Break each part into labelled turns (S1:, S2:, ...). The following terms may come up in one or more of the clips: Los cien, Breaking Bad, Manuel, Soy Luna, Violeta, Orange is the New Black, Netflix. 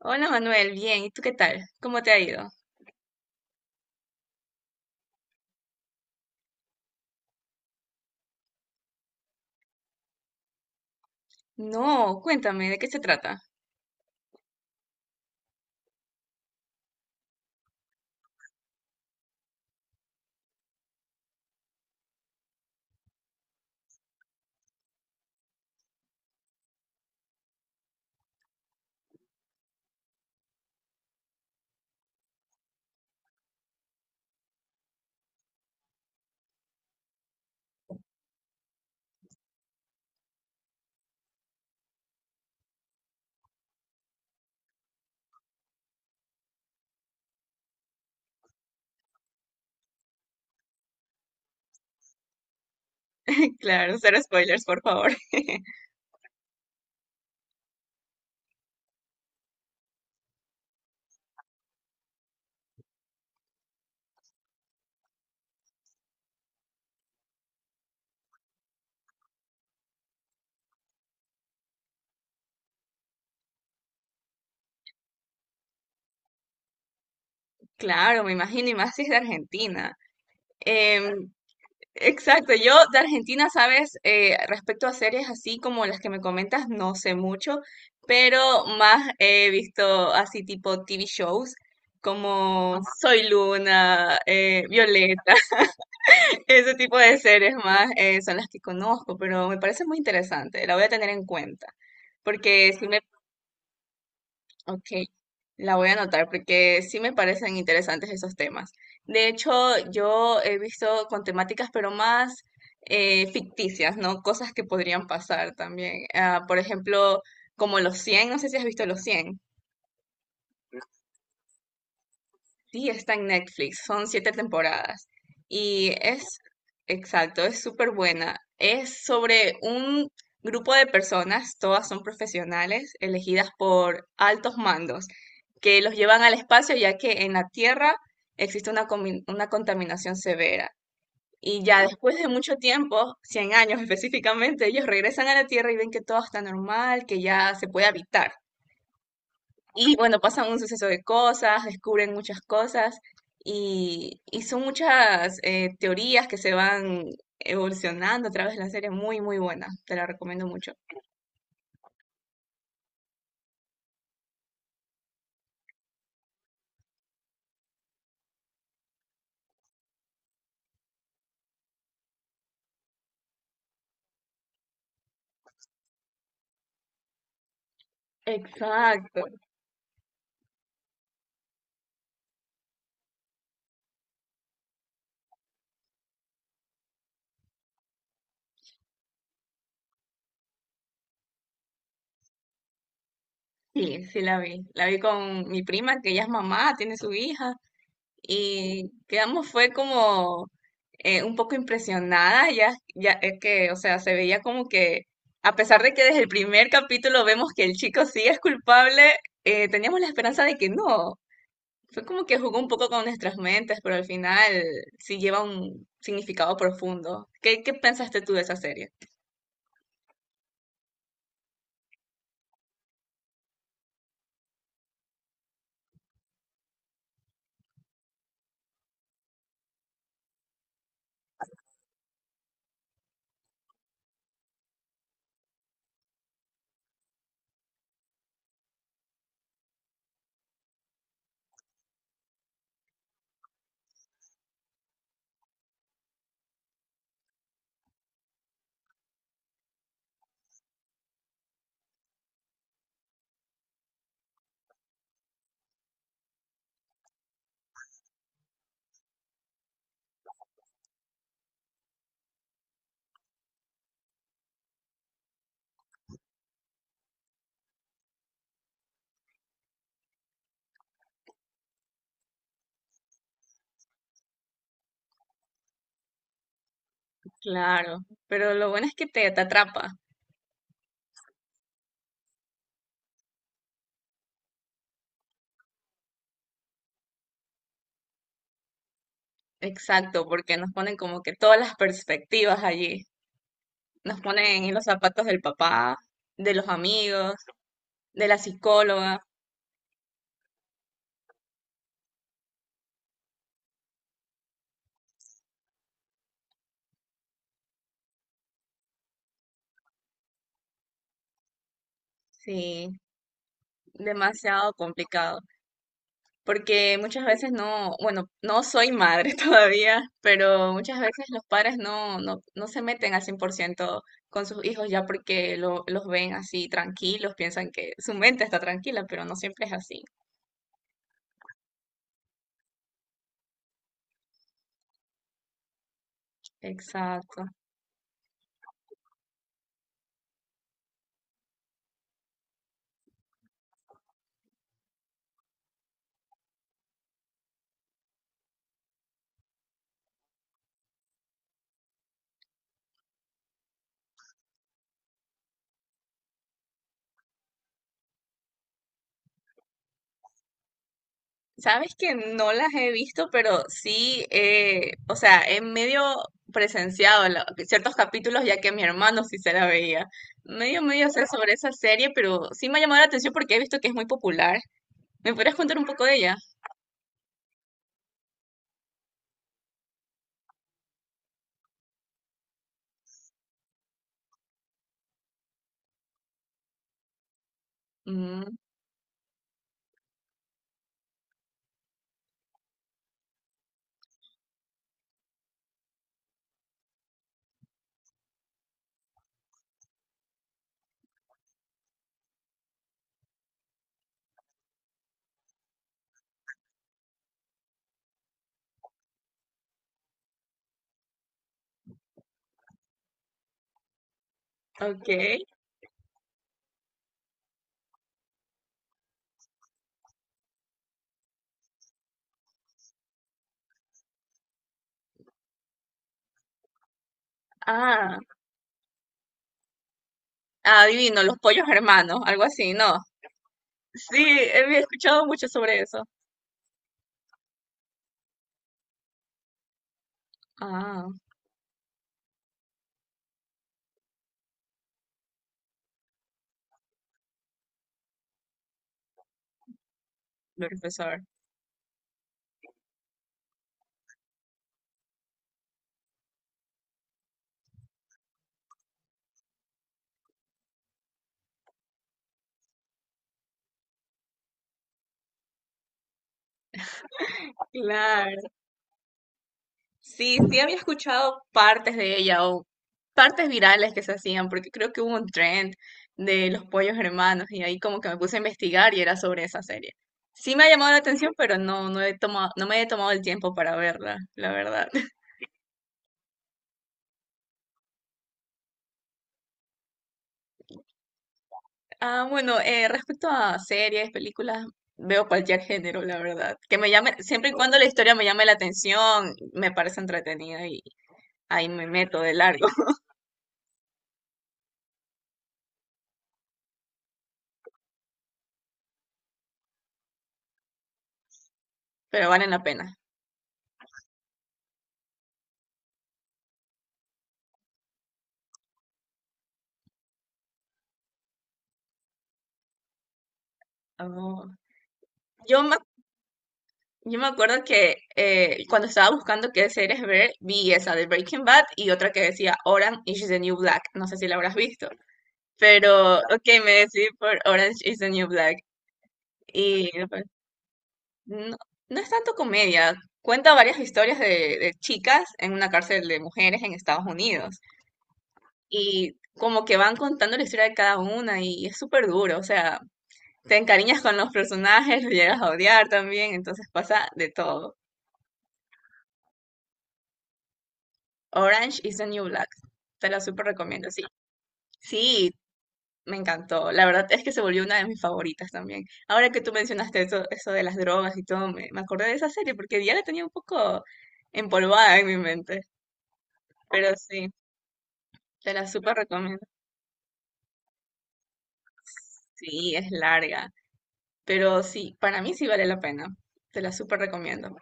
S1: Hola Manuel, bien, ¿y tú qué tal? ¿Cómo te ha ido? No, cuéntame, ¿de qué se trata? Claro, cero spoilers, por favor. Claro, me imagino, y más si es de Argentina. Em, exacto, yo de Argentina, sabes. Respecto a series así como las que me comentas, no sé mucho, pero más he visto así tipo TV shows como Soy Luna, Violeta. Ese tipo de series más son las que conozco, pero me parece muy interesante. La voy a tener en cuenta, porque ok, la voy a anotar, porque sí me parecen interesantes esos temas. De hecho, yo he visto con temáticas, pero más ficticias, ¿no? Cosas que podrían pasar también. Ah, por ejemplo, como Los cien, no sé si has visto Los cien. Sí, está en Netflix, son siete temporadas. Y es, exacto, es súper buena. Es sobre un grupo de personas, todas son profesionales, elegidas por altos mandos, que los llevan al espacio ya que en la Tierra existe una, una contaminación severa. Y ya después de mucho tiempo, 100 años específicamente, ellos regresan a la Tierra y ven que todo está normal, que ya se puede habitar. Y bueno, pasan un suceso de cosas, descubren muchas cosas y son muchas teorías que se van evolucionando a través de la serie, muy, muy buena, te la recomiendo mucho. Exacto, sí, sí la vi. La vi con mi prima, que ella es mamá, tiene su hija, y quedamos, fue como un poco impresionada. Ya es que, o sea, se veía como que, a pesar de que desde el primer capítulo vemos que el chico sí es culpable, teníamos la esperanza de que no. Fue como que jugó un poco con nuestras mentes, pero al final sí lleva un significado profundo. ¿Qué pensaste tú de esa serie? Claro, pero lo bueno es que te atrapa. Exacto, porque nos ponen como que todas las perspectivas allí. Nos ponen en los zapatos del papá, de los amigos, de la psicóloga. Sí, demasiado complicado. Porque muchas veces no, bueno, no soy madre todavía, pero muchas veces los padres no se meten al 100% con sus hijos ya porque los ven así tranquilos, piensan que su mente está tranquila, pero no siempre es así. Exacto. Sabes que no las he visto, pero sí, o sea, he medio presenciado ciertos capítulos ya que mi hermano sí se la veía. Medio, medio sé sobre esa serie, pero sí me ha llamado la atención porque he visto que es muy popular. ¿Me podrías contar un poco de ella? Mm, okay. Ah, ah, adivino, los pollos hermanos, algo así, ¿no? Sí, había escuchado mucho sobre eso. Ah, profesor. Claro. Sí, sí había escuchado partes de ella o partes virales que se hacían, porque creo que hubo un trend de los pollos hermanos y ahí como que me puse a investigar y era sobre esa serie. Sí me ha llamado la atención, pero no, no he tomado, no me he tomado el tiempo para verla, la verdad. Ah, bueno, respecto a series, películas, veo cualquier género, la verdad. Que me llame, siempre y cuando la historia me llame la atención, me parece entretenida y ahí me meto de largo. Pero valen la pena. Oh. Yo me, yo me acuerdo que cuando estaba buscando qué series ver, vi esa de Breaking Bad y otra que decía Orange is the New Black. No sé si la habrás visto, pero ok, me decidí por Orange is the New Black. Y no, no es tanto comedia. Cuenta varias historias de chicas en una cárcel de mujeres en Estados Unidos. Y como que van contando la historia de cada una y es súper duro. O sea, te encariñas con los personajes, lo llegas a odiar también, entonces pasa de todo. Orange is the New Black. Te la súper recomiendo, sí. Sí, me encantó. La verdad es que se volvió una de mis favoritas también. Ahora que tú mencionaste eso, eso de las drogas y todo, me acordé de esa serie porque ya la tenía un poco empolvada en mi mente. Pero sí. Te la súper recomiendo. Sí, es larga, pero sí, para mí sí vale la pena. Te la súper recomiendo.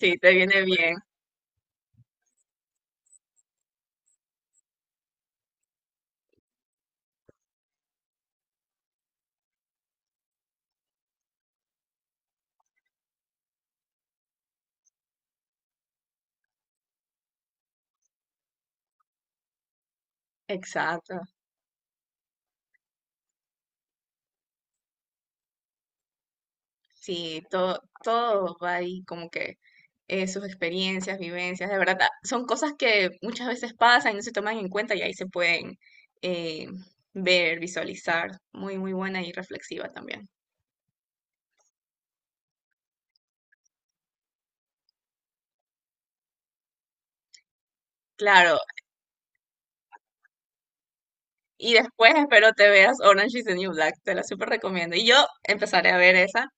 S1: Sí, te viene bien. Exacto. Sí, todo, todo va ahí como que sus experiencias, vivencias, de verdad, son cosas que muchas veces pasan y no se toman en cuenta y ahí se pueden eh, ver, visualizar. Muy, muy buena y reflexiva también. Claro, y después espero te veas Orange is the New Black, te la súper recomiendo. Y yo empezaré a ver esa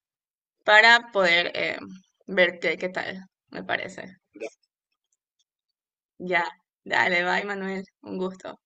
S1: para poder ver qué tal, me parece. Ya, dale, bye Manuel, un gusto.